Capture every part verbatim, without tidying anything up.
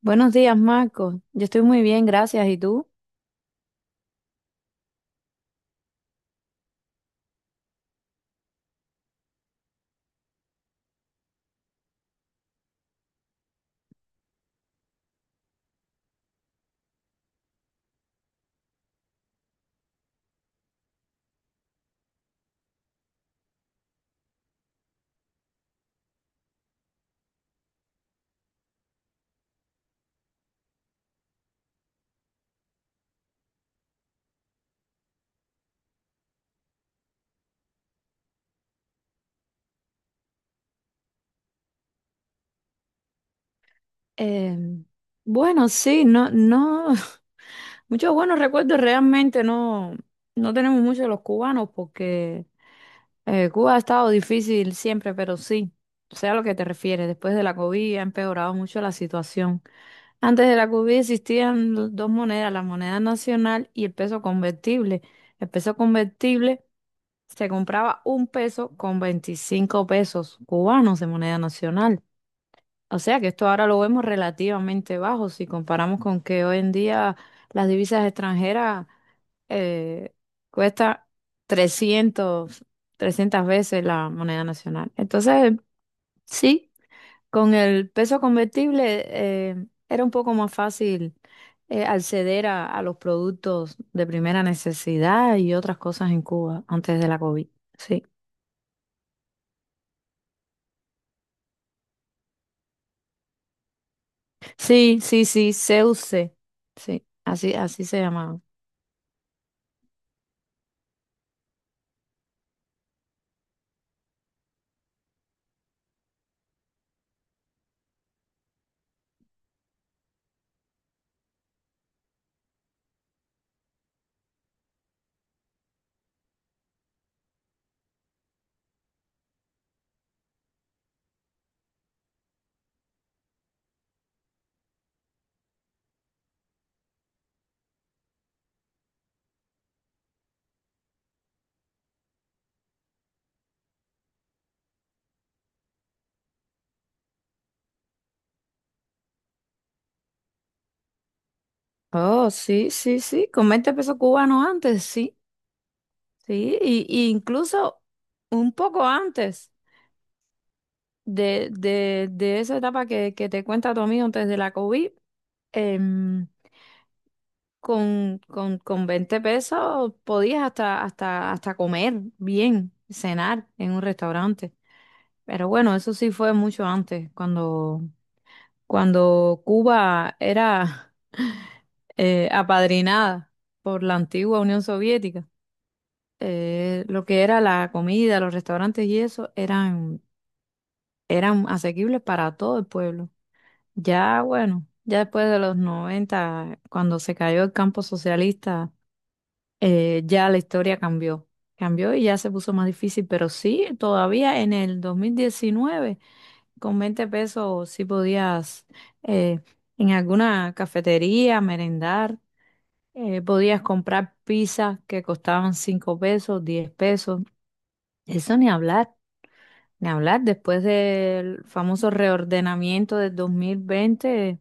Buenos días, Marco. Yo estoy muy bien, gracias. ¿Y tú? Eh, bueno, sí, no, no, muchos buenos recuerdos realmente no, no tenemos muchos de los cubanos porque eh, Cuba ha estado difícil siempre, pero sí, sé a lo que te refieres. Después de la COVID ha empeorado mucho la situación. Antes de la COVID existían do- dos monedas, la moneda nacional y el peso convertible. El peso convertible se compraba un peso con veinticinco pesos cubanos de moneda nacional. O sea que esto ahora lo vemos relativamente bajo si comparamos con que hoy en día las divisas extranjeras eh, cuestan trescientas 300 veces la moneda nacional. Entonces, sí, con el peso convertible eh, era un poco más fácil eh, acceder a, a los productos de primera necesidad y otras cosas en Cuba antes de la COVID. Sí, sí, sí, sí, C U C. Sí, así, así se llamaba. Oh, sí, sí, sí, con veinte pesos cubanos antes, sí, sí, y, y incluso un poco antes de, de, de esa etapa que, que te cuenta tu amigo antes de la COVID, em, con, con, con veinte pesos podías hasta, hasta, hasta comer bien, cenar en un restaurante. Pero bueno, eso sí fue mucho antes, cuando, cuando Cuba era eh, apadrinada por la antigua Unión Soviética. Eh, lo que era la comida, los restaurantes y eso eran, eran asequibles para todo el pueblo. Ya, bueno, ya después de los noventa, cuando se cayó el campo socialista, eh, ya la historia cambió. Cambió y ya se puso más difícil, pero sí, todavía en el dos mil diecinueve con veinte pesos sí podías eh, en alguna cafetería merendar, eh, podías comprar pizzas que costaban cinco pesos, diez pesos, eso ni hablar. Ni hablar, después del famoso reordenamiento del dos mil veinte,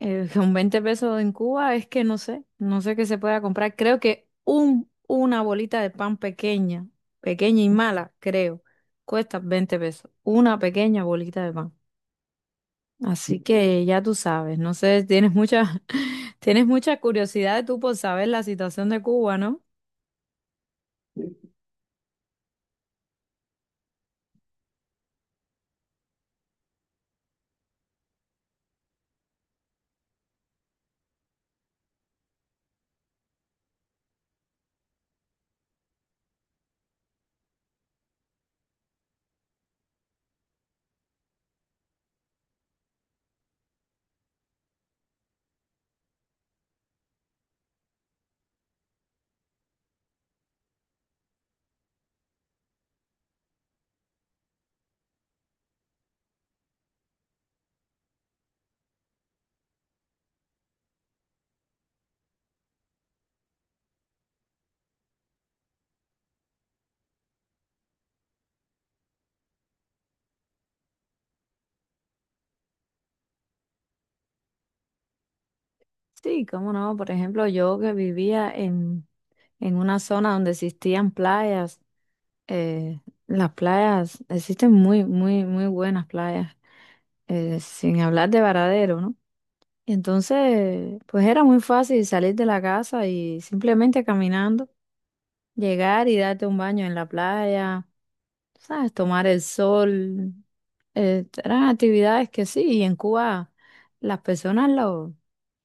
eh, con veinte pesos en Cuba es que no sé, no sé qué se pueda comprar. Creo que un, una bolita de pan pequeña, pequeña y mala, creo, cuesta veinte pesos. Una pequeña bolita de pan. Así que ya tú sabes, no sé, tienes mucha, tienes mucha curiosidad tú por saber la situación de Cuba, ¿no? Sí, cómo no. Por ejemplo, yo que vivía en, en una zona donde existían playas. Eh, las playas, existen muy, muy, muy buenas playas, eh, sin hablar de Varadero, ¿no? Y entonces, pues era muy fácil salir de la casa y simplemente caminando, llegar y darte un baño en la playa, ¿sabes? Tomar el sol. Eh, eran actividades que sí, y en Cuba las personas lo,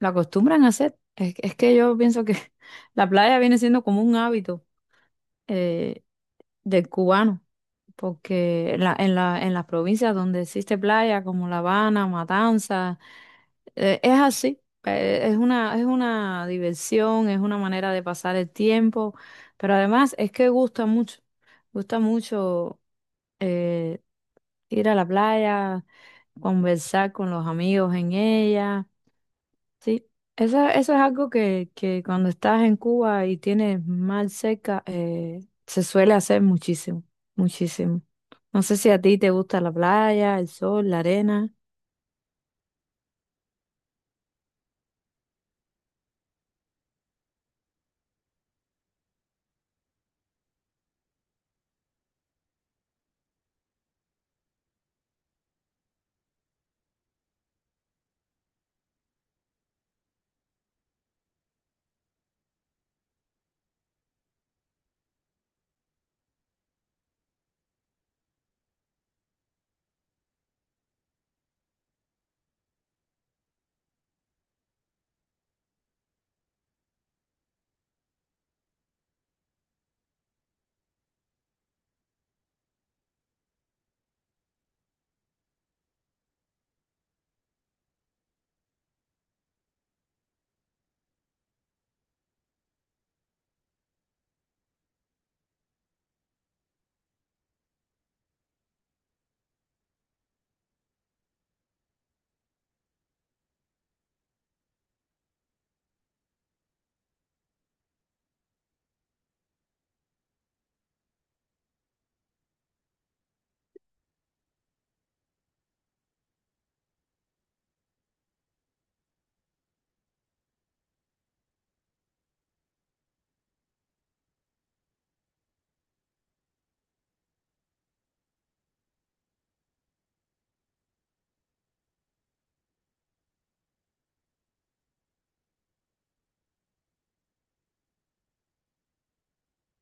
lo acostumbran a hacer. Es, es que yo pienso que la playa viene siendo como un hábito eh, del cubano, porque en la, en la, en las provincias donde existe playa, como La Habana, Matanzas, eh, es así. eh, Es una, es una diversión, es una manera de pasar el tiempo, pero además es que gusta mucho, gusta mucho eh, ir a la playa, conversar con los amigos en ella. Sí, eso, eso es algo que, que cuando estás en Cuba y tienes mal seca, eh, se suele hacer muchísimo, muchísimo. No sé si a ti te gusta la playa, el sol, la arena.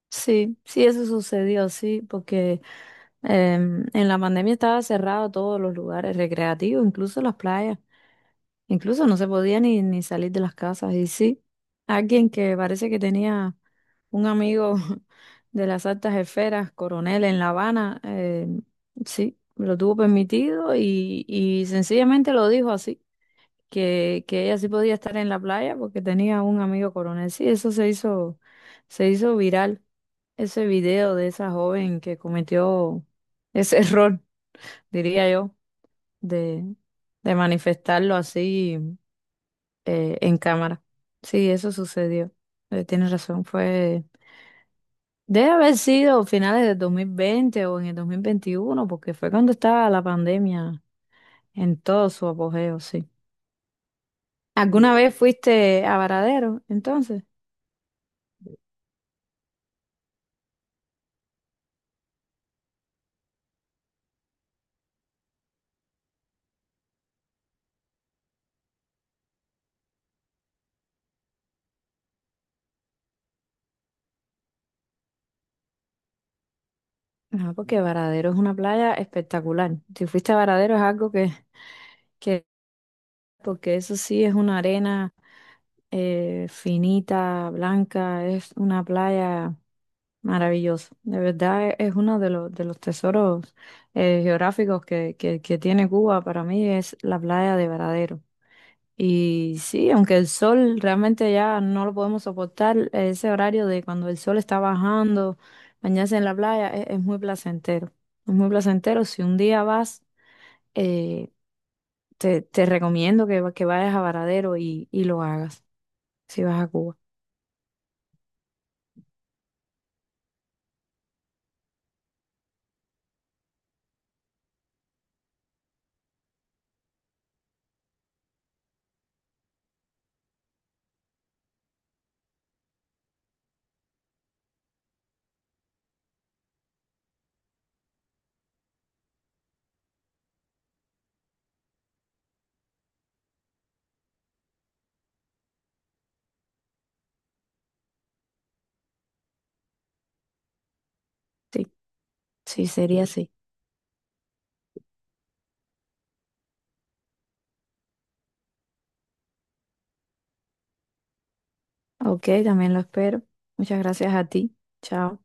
Sí, sí, eso sucedió, sí, porque em, en la pandemia estaba cerrado todos los lugares recreativos, incluso las playas. Incluso no se podía ni, ni salir de las casas. Y sí, alguien que parece que tenía un amigo de las altas esferas, coronel en La Habana, eh, sí, lo tuvo permitido y, y sencillamente lo dijo así, que, que ella sí podía estar en la playa porque tenía un amigo coronel. Sí, eso se hizo, se hizo viral, ese video de esa joven que cometió ese error, diría yo, de, de manifestarlo así eh, en cámara. Sí, eso sucedió. Eh, tienes razón, fue... Debe haber sido finales del dos mil veinte o en el dos mil veintiuno porque fue cuando estaba la pandemia en todo su apogeo, sí. ¿Alguna vez fuiste a Varadero, entonces? No, porque Varadero es una playa espectacular. Si fuiste a Varadero es algo que, que porque eso sí es una arena eh, finita, blanca, es una playa maravilloso. De verdad e- es uno de los, de los tesoros eh, geográficos que, que, que tiene Cuba. Para mí es la playa de Varadero. Y sí, aunque el sol realmente ya no lo podemos soportar, ese horario de cuando el sol está bajando, bañarse en la playa es, es muy placentero. Es muy placentero. Si un día vas, eh, te, te recomiendo que, va- que vayas a Varadero y, y lo hagas, si vas a Cuba. Sí, sí, sería así. Ok, también lo espero. Muchas gracias a ti. Chao.